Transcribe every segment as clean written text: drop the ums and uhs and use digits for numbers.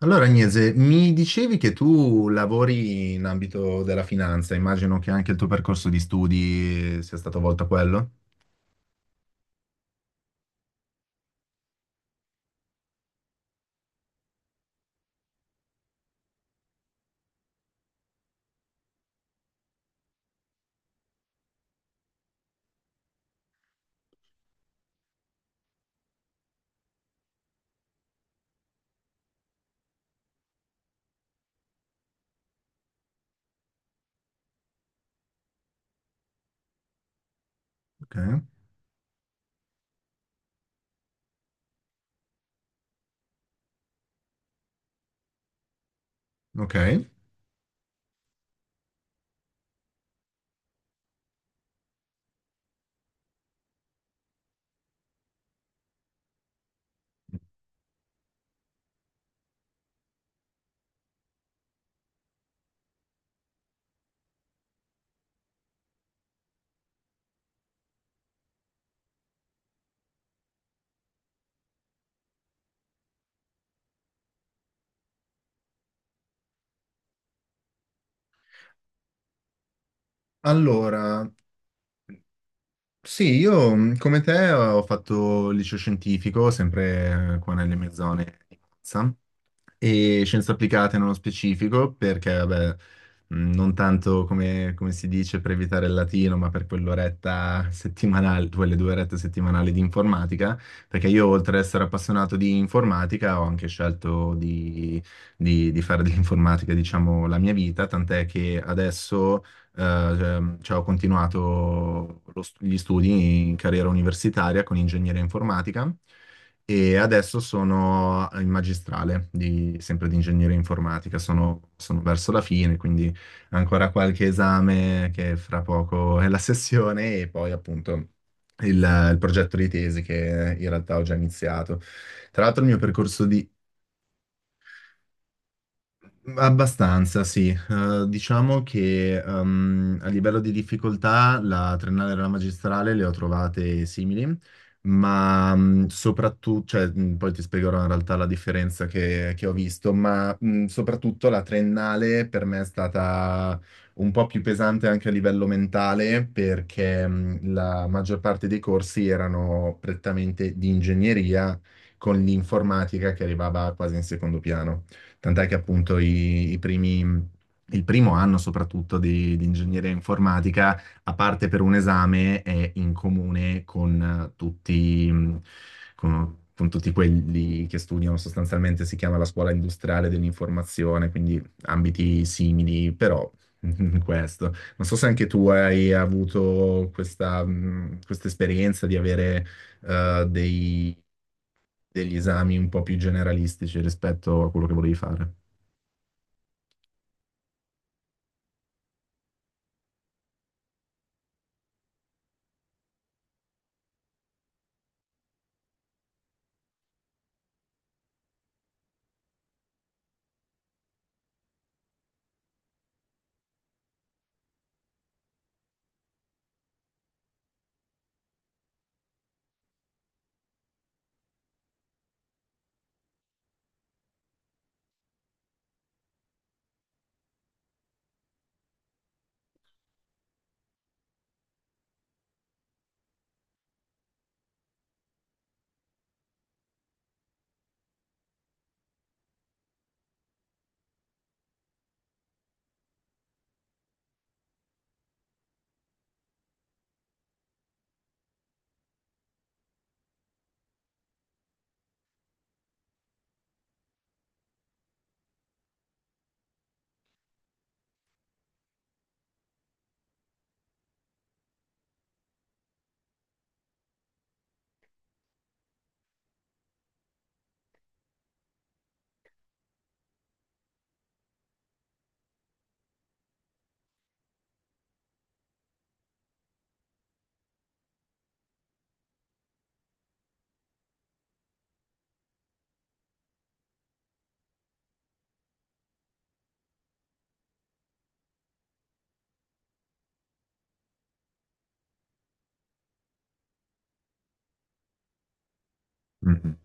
Allora, Agnese, mi dicevi che tu lavori in ambito della finanza, immagino che anche il tuo percorso di studi sia stato volto a quello. Ok, ok. Allora, sì, io come te ho fatto il liceo scientifico, sempre qua nelle mie zone di Monza e scienze applicate nello specifico, perché vabbè, non tanto come, come si dice per evitare il latino, ma per quell'oretta settimanale, quelle due orette settimanali di informatica, perché io oltre ad essere appassionato di informatica ho anche scelto di, di fare dell'informatica, diciamo, la mia vita, tant'è che adesso eh, cioè, ho continuato gli studi in carriera universitaria con ingegneria informatica e adesso sono in magistrale, sempre di ingegneria informatica, sono verso la fine, quindi ancora qualche esame che fra poco è la sessione e poi appunto il, il progetto di tesi che in realtà ho già iniziato. Tra l'altro il mio percorso di abbastanza, sì. Diciamo che a livello di difficoltà la triennale e la magistrale le ho trovate simili, ma soprattutto, cioè, poi ti spiegherò in realtà la differenza che ho visto, ma soprattutto la triennale per me è stata un po' più pesante anche a livello mentale perché la maggior parte dei corsi erano prettamente di ingegneria con l'informatica che arrivava quasi in secondo piano. Tant'è che appunto i primi, il primo anno soprattutto di ingegneria informatica, a parte per un esame, è in comune con tutti, con tutti quelli che studiano sostanzialmente, si chiama la scuola industriale dell'informazione, quindi ambiti simili, però questo. Non so se anche tu hai avuto questa, questa esperienza di avere eh, dei- degli esami un po' più generalistici rispetto a quello che volevi fare. Mhm,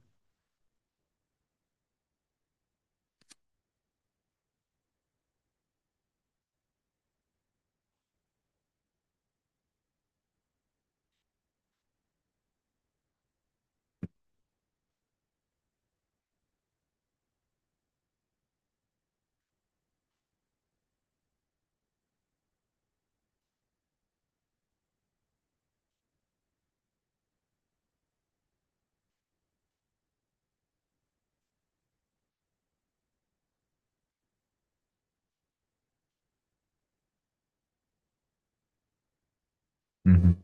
mhm.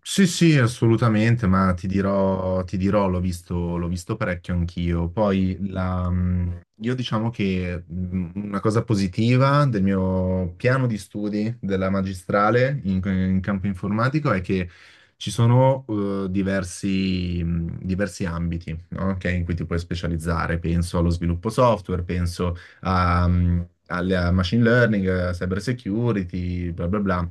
Sì, sì, assolutamente, ma ti dirò, l'ho visto parecchio anch'io. Poi la, io diciamo che una cosa positiva del mio piano di studi della magistrale in, in campo informatico è che ci sono diversi, diversi ambiti, no? Ok, in cui ti puoi specializzare. Penso allo sviluppo software, penso a, al machine learning, a cyber security, bla bla bla.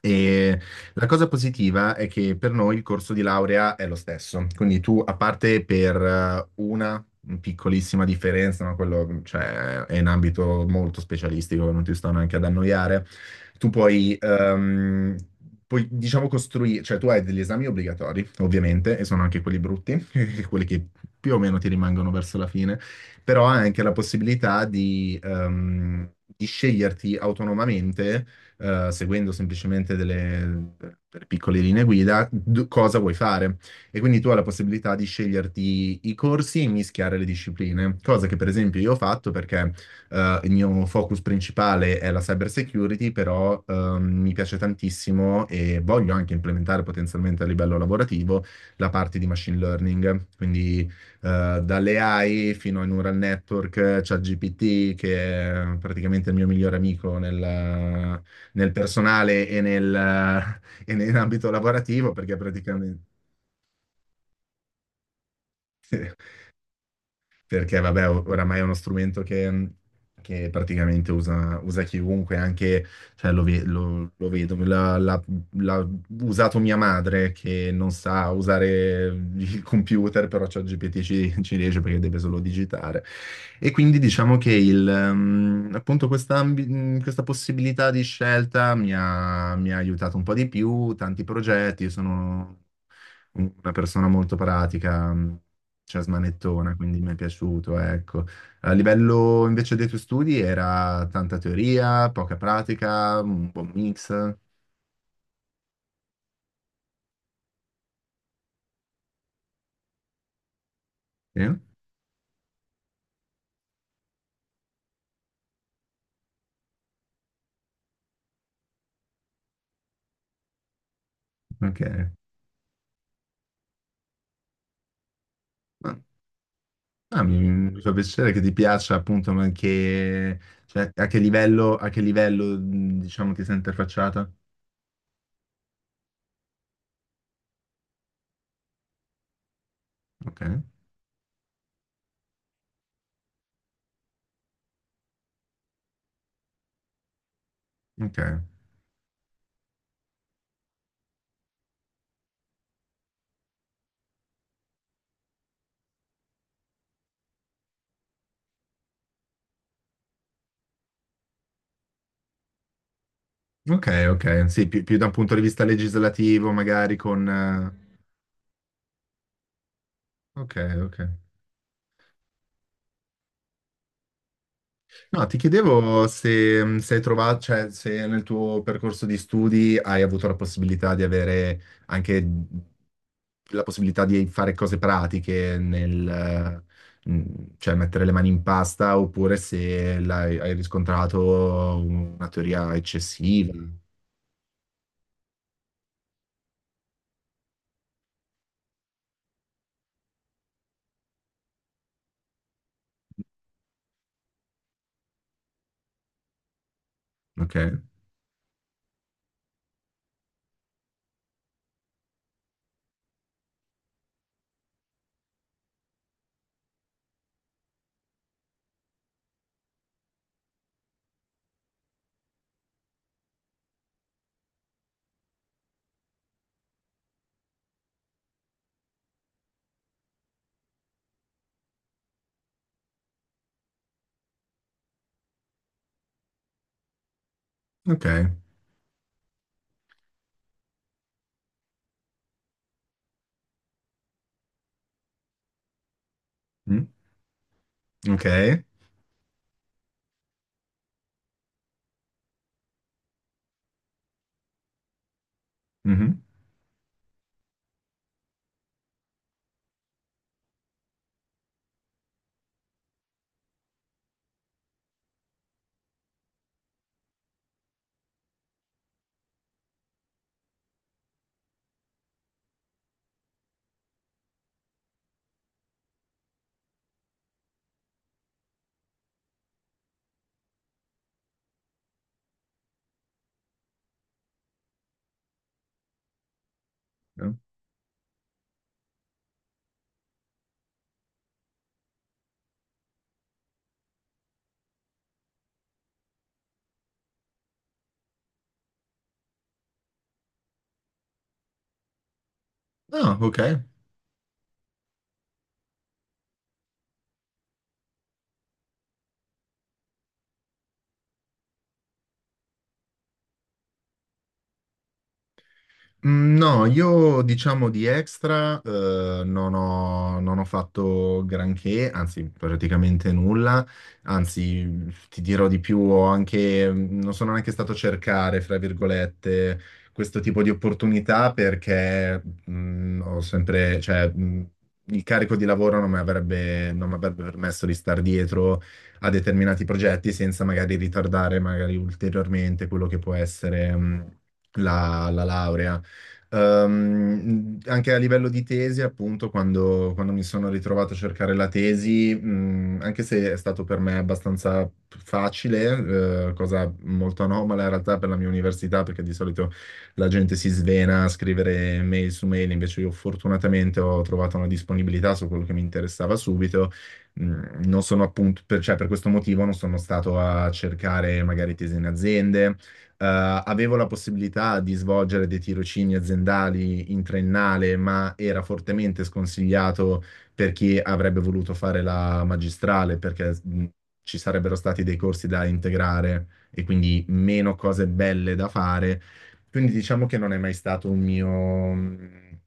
E la cosa positiva è che per noi il corso di laurea è lo stesso, quindi tu, a parte per una piccolissima differenza, ma quello, cioè, è in ambito molto specialistico, non ti sto neanche ad annoiare, tu puoi, diciamo, costruire, cioè tu hai degli esami obbligatori, ovviamente, e sono anche quelli brutti, quelli che più o meno ti rimangono verso la fine, però hai anche la possibilità di sceglierti autonomamente seguendo semplicemente delle, delle piccole linee guida, cosa vuoi fare. E quindi tu hai la possibilità di sceglierti i corsi e mischiare le discipline, cosa che per esempio io ho fatto perché il mio focus principale è la cyber security, però mi piace tantissimo e voglio anche implementare potenzialmente a livello lavorativo la parte di machine learning, quindi dalle AI fino ai neural network, ChatGPT, che è praticamente il mio migliore amico nel personale e nell'ambito lavorativo, perché praticamente perché vabbè, oramai è uno strumento che che praticamente usa chiunque, anche cioè, lo vedo, l'ha usato mia madre che non sa usare il computer, però ChatGPT ci riesce perché deve solo digitare. E quindi diciamo che appunto questa, questa possibilità di scelta mi ha aiutato un po' di più, tanti progetti, sono una persona molto pratica, cioè smanettona, quindi mi è piaciuto, ecco. A livello invece dei tuoi studi era tanta teoria, poca pratica, un buon mix. Sì? Ok. Ma- ah, mi fa piacere che ti piaccia appunto, ma cioè, a che livello diciamo ti sei interfacciata? Ok, ok, ok, ok. Sì, più, più da un punto di vista legislativo, magari con ok, ok. No, ti chiedevo se, se hai trovato, cioè se nel tuo percorso di studi hai avuto la possibilità di avere anche la possibilità di fare cose pratiche nel, mh, cioè mettere le mani in pasta, oppure se hai riscontrato una teoria eccessiva. Ok, ok, Mm, ok. Mhm. No, ok, Mm, no, io diciamo di extra non ho, non ho fatto granché, anzi praticamente nulla, anzi ti dirò di più, ho anche, non sono neanche stato a cercare, fra virgolette, questo tipo di opportunità perché ho sempre, cioè, il carico di lavoro non mi avrebbe, non mi avrebbe permesso di star dietro a determinati progetti senza magari ritardare magari ulteriormente quello che può essere la, la laurea. Anche a livello di tesi, appunto, quando, quando mi sono ritrovato a cercare la tesi, anche se è stato per me abbastanza facile, cosa molto anomala in realtà per la mia università, perché di solito la gente si svena a scrivere mail su mail, invece io fortunatamente ho trovato una disponibilità su quello che mi interessava subito. Mm, non sono appunto, per, cioè per questo motivo non sono stato a cercare magari tesi in aziende, eh, avevo la possibilità di svolgere dei tirocini aziendali in triennale, ma era fortemente sconsigliato per chi avrebbe voluto fare la magistrale, perché ci sarebbero stati dei corsi da integrare e quindi meno cose belle da fare. Quindi diciamo che non è mai stato un mio, mh,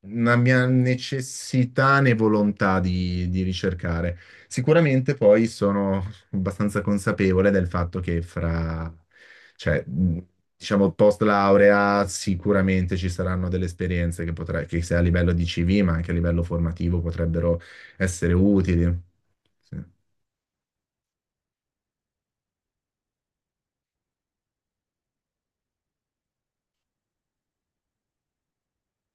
una mia necessità né volontà di ricercare. Sicuramente poi sono abbastanza consapevole del fatto che fra cioè, mh, diciamo, post laurea sicuramente ci saranno delle esperienze che, potrai, che sia a livello di CV, ma anche a livello formativo potrebbero essere utili. Sì.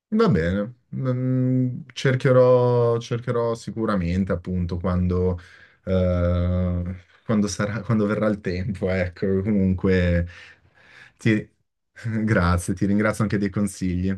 Va bene, Mm, cercherò, cercherò sicuramente appunto quando, quando sarà, quando verrà il tempo, ecco, comunque ti- grazie, ti ringrazio anche dei consigli.